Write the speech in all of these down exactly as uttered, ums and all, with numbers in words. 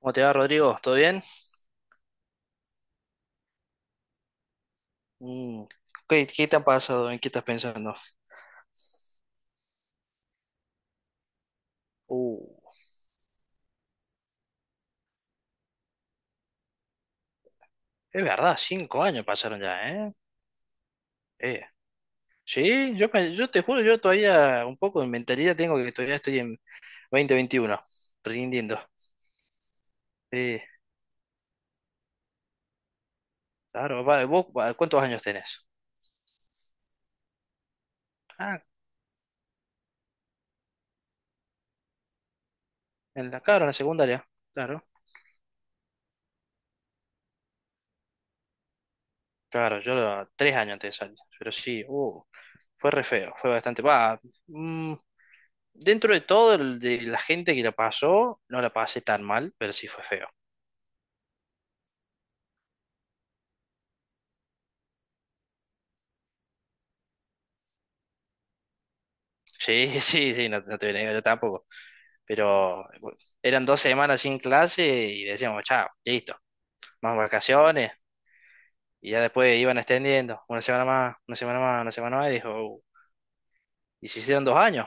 ¿Cómo te va, Rodrigo? ¿Todo bien? Mm, ¿Qué, qué te ha pasado? ¿En qué estás pensando? Uh, es verdad, cinco años pasaron ya, ¿eh? Eh, sí, yo, pe- yo te juro, yo todavía un poco de mentalidad tengo que todavía estoy en dos mil veintiuno, rindiendo. Sí, claro, va, ¿vos va, ¿cuántos años tenés? Ah, en la, claro, en la secundaria, claro. Claro, yo lo- tres años antes de salir, pero sí, uh, fue re feo, fue bastante. Va, mm, Dentro de todo, el- de la gente que la pasó, no la pasé tan mal, pero sí fue feo. Sí, sí, sí, no, no te voy a negar, yo tampoco. Pero bueno, eran dos semanas sin clase y decíamos, chao, listo, más vacaciones. Y ya después iban extendiendo, una semana más, una semana más, una semana más, y dijo, "Uh, y se hicieron dos años,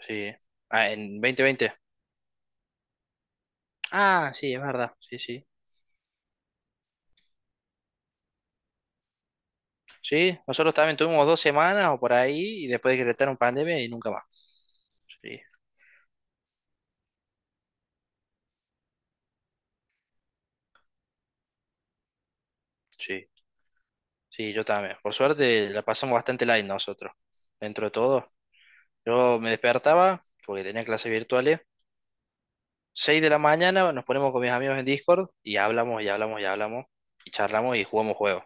sí, ah, en dos mil veinte. Ah, sí, es verdad, sí, sí. Sí, nosotros también tuvimos dos semanas o por ahí, y después decretaron pandemia y nunca más. Sí, sí, sí, yo también. Por suerte la pasamos bastante light nosotros, dentro de todo. Yo me despertaba porque tenía clases virtuales. Seis de la mañana nos ponemos con mis amigos en Discord y hablamos y hablamos y hablamos y charlamos y jugamos juegos.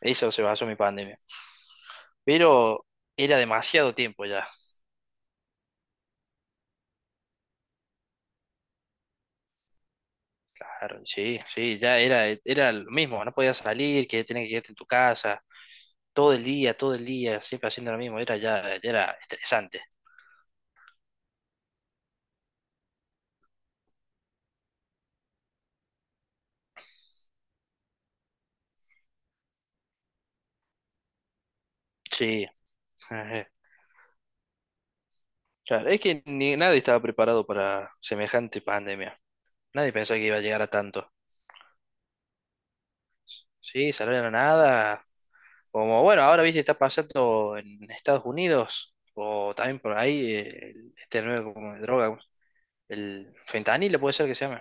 Eso se basó mi pandemia. Pero era demasiado tiempo ya. Sí, sí, ya era, era lo mismo. No podías salir, que tenías que quedarte en tu casa. Todo el día, todo el día, siempre haciendo lo mismo. Era ya, ya era estresante. Sí. Ajá. Claro, es que ni, nadie estaba preparado para semejante pandemia. Nadie pensaba que iba a llegar a tanto. Sí, salir a la nada, como bueno, ahora viste, está pasando en Estados Unidos, o también por ahí, eh, el- este nuevo como de droga, el fentanilo puede ser que se llame.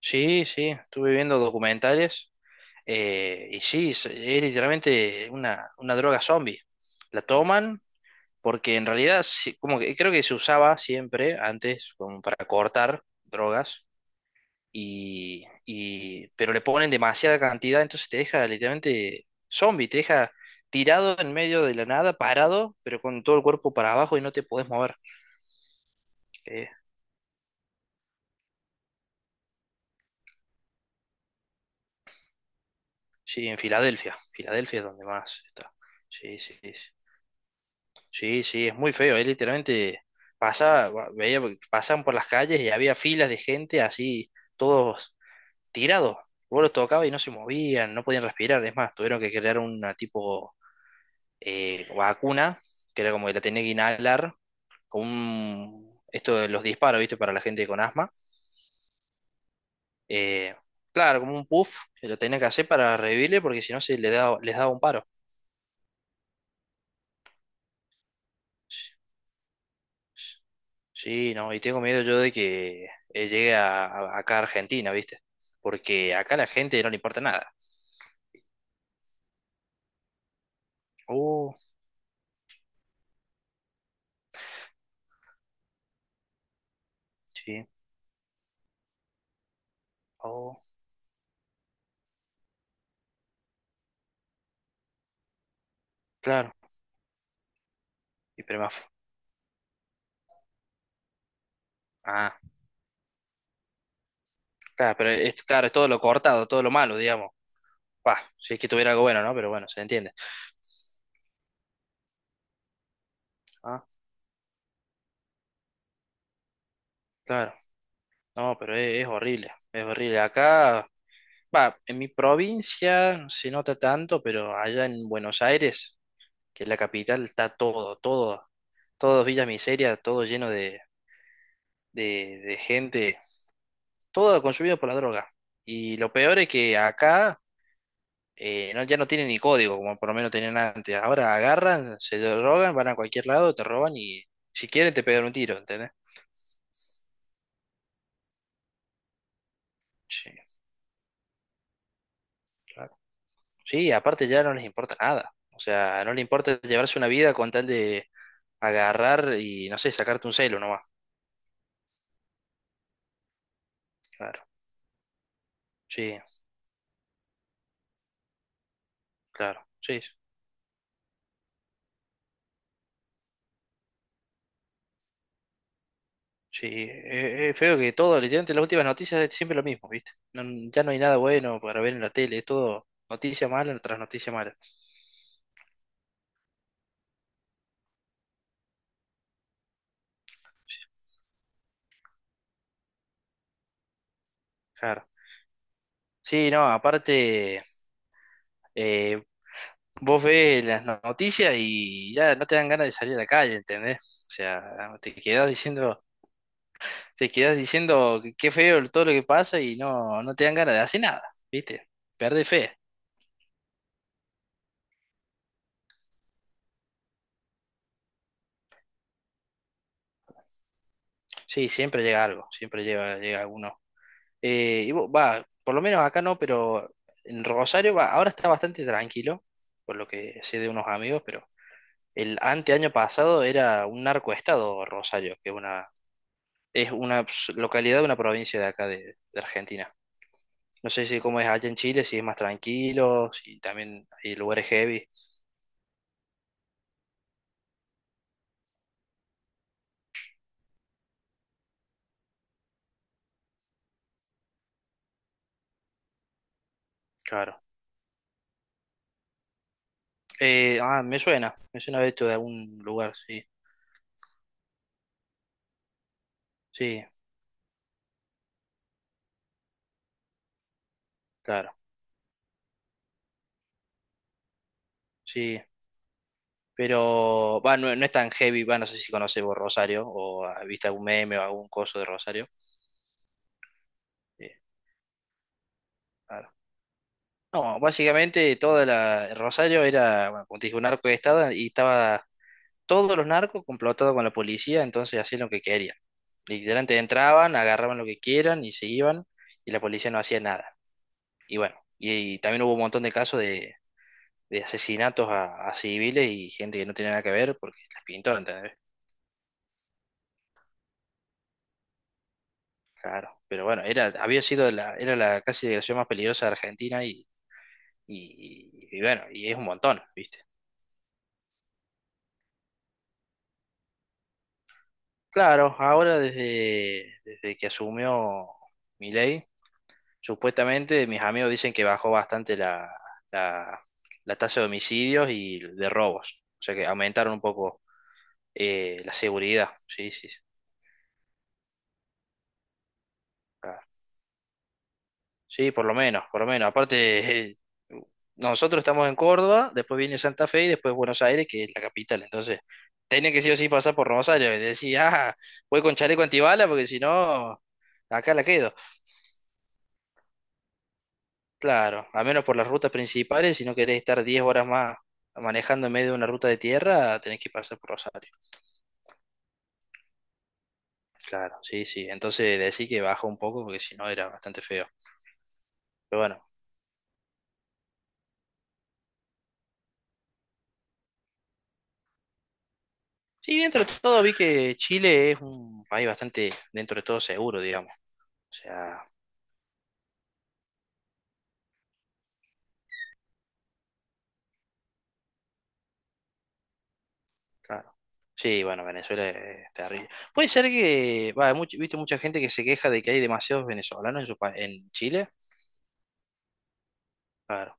Sí, sí, estuve viendo documentales, eh, y sí, es, es literalmente una, una droga zombie. La toman porque en realidad, sí, como que creo que se usaba siempre antes como para cortar drogas, y, y- pero le ponen demasiada cantidad, entonces te deja literalmente zombie, te deja tirado en medio de la nada, parado, pero con todo el cuerpo para abajo y no te podés mover. Eh, sí, en Filadelfia, Filadelfia es donde más está. Sí, sí, sí. Sí, sí, es muy feo, eh, literalmente pasaba, va- veía, pasaban por las calles y había filas de gente así, todos tirados. Vos los tocabas y no se movían, no podían respirar, es más, tuvieron que crear una tipo eh, vacuna, que era como que la tenía que inhalar con un, esto de los disparos, ¿viste? Para la gente con asma. Eh, claro, como un puff, que lo tenía que hacer para revivirle porque si no se le da, les daba un paro. Sí, no, y tengo miedo yo de que eh, llegue a, a- acá a Argentina, ¿viste? Porque acá a la gente no le importa nada. Oh, sí, oh, claro, y pero más- ah, claro, pero es, claro, es todo lo cortado, todo lo malo, digamos. Pa, si es que tuviera algo bueno, ¿no? Pero bueno, se entiende. Ah, claro. No, pero es, es horrible, es horrible. Acá, va, en mi provincia se nota tanto, pero allá en Buenos Aires, que es la capital, está todo, todo, todo Villa Miseria, todo lleno de, de, de gente, todo consumido por la droga. Y lo peor es que acá eh, no, ya no tienen ni código, como por lo menos tenían antes. Ahora agarran, se drogan, van a cualquier lado, te roban y si quieren te pegan un tiro, ¿entendés? Sí. Claro. Sí, aparte ya no les importa nada. O sea, no les importa llevarse una vida con tal de agarrar y, no sé, sacarte un celo nomás. Claro, sí, claro, sí, sí. Eh, eh, feo que todo, literalmente las últimas noticias es siempre lo mismo, ¿viste? No- ya no hay nada bueno para ver en la tele, es todo noticia mala tras noticia mala. Claro. Sí, no, aparte, eh, vos ves las no- noticias y ya no te dan ganas de salir a la calle, ¿entendés? O sea, te quedás diciendo. Te quedas diciendo que qué feo todo lo que pasa y no, no te dan ganas de hacer nada, ¿viste? Perde fe. Sí, siempre llega algo, siempre llega, llega alguno. Eh, y vo- va, por lo menos acá no, pero en Rosario va, ahora está bastante tranquilo, por lo que sé de unos amigos, pero el anteaño pasado era un narcoestado Rosario, que es una, es una s- localidad de una provincia de acá de, de Argentina. No sé si cómo es allá en Chile, si es más tranquilo, si también hay lugares heavy. Claro. Eh, ah, me suena, me suena haber visto de algún lugar, sí, sí, claro, sí, pero va, no, no es tan heavy, va, no sé si conoces vos Rosario o has visto algún meme o algún coso de Rosario, sí, claro. No, básicamente toda la Rosario era, bueno, como te dije, un narco de estado y estaba todos los narcos complotados con la policía, entonces hacían lo que querían. Literalmente entraban, agarraban lo que quieran y se iban y la policía no hacía nada. Y bueno, y, y también hubo un montón de casos de de asesinatos a, a civiles y gente que no tenía nada que ver porque les pintó, ¿entendés? Claro, pero bueno, era, había sido la, era la casi delegación más peligrosa de Argentina y, y, y bueno, y es un montón, ¿viste? Claro, ahora desde, desde que asumió Milei, supuestamente mis amigos dicen que bajó bastante la, la, la tasa de homicidios y de robos, o sea que aumentaron un poco eh, la seguridad, sí, sí, sí. Ah, sí, por lo menos, por lo menos. Aparte, eh, nosotros estamos en Córdoba, después viene Santa Fe y después Buenos Aires, que es la capital. Entonces, tenía que sí o sí pasar por Buenos Aires. Decía, ah, voy con chaleco antibala porque si no, acá la quedo. Claro, al menos por las rutas principales, si no querés estar diez horas más manejando en medio de una ruta de tierra, tenés que pasar por Rosario. Claro, sí, sí. Entonces, decí que bajó un poco porque si no, era bastante feo. Pero bueno, sí, dentro de todo vi que Chile es un país bastante, dentro de todo, seguro, digamos. O sea, claro. Sí, bueno, Venezuela es terrible. Puede ser que, va, hay much- viste mucha gente que se queja de que hay demasiados venezolanos en su pa- en Chile, claro.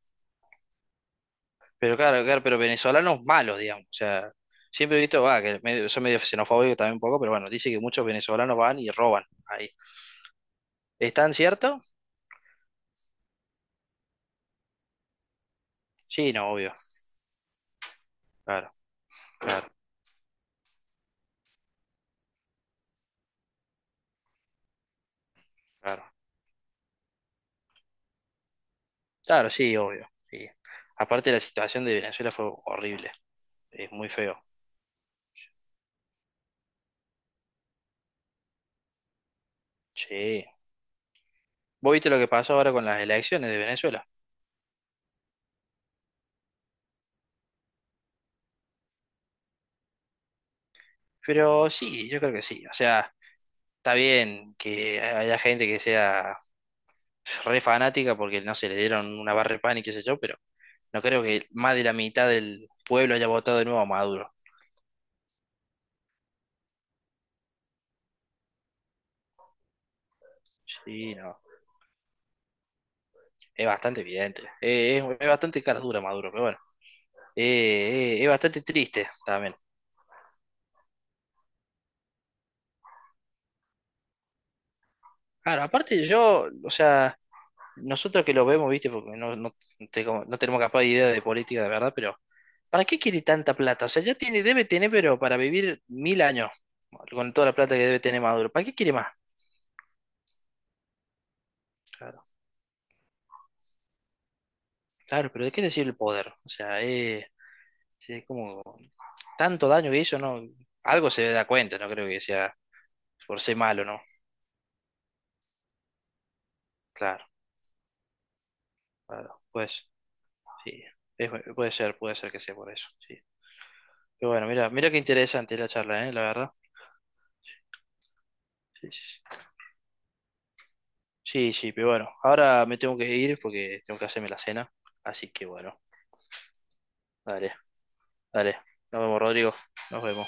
Pero claro, claro, pero venezolanos malos, digamos. O sea, siempre he visto, va, que medio, son medio xenofóbicos también un poco, pero bueno, dice que muchos venezolanos van y roban ahí. ¿Es tan cierto? Sí, no, obvio. Claro, claro, claro. Claro, sí, obvio. Sí. Aparte la situación de Venezuela fue horrible. Es muy feo. Sí. ¿Vos viste lo que pasó ahora con las elecciones de Venezuela? Pero sí, yo creo que sí. O sea, está bien que haya gente que sea re fanática porque no se le dieron una barra de pan y qué sé yo, pero no creo que más de la mitad del pueblo haya votado de nuevo a Maduro. Sí, no. Es bastante evidente. Eh, es, es bastante cara dura Maduro, pero bueno. Eh, eh, es bastante triste también. Claro, aparte yo, o sea, nosotros que lo vemos, viste, porque no, no, te- no tenemos capaz de idea de política de verdad, pero ¿para qué quiere tanta plata? O sea, ya tiene, debe tener, pero para vivir mil años, con toda la plata que debe tener Maduro. ¿Para qué quiere más? Claro, claro, pero hay que decir el poder. O sea, eh, es como tanto daño que hizo, no, algo se da cuenta, no creo que sea por ser malo, ¿no? Claro, claro, pues, sí, Es- puede ser, puede ser que sea por eso, sí. Pero bueno, mira, mira qué interesante la charla, ¿eh? La verdad. Sí, sí, sí. Sí, sí, pero bueno, ahora me tengo que ir porque tengo que hacerme la cena, así que bueno, dale. Dale, nos vemos, Rodrigo. Nos vemos.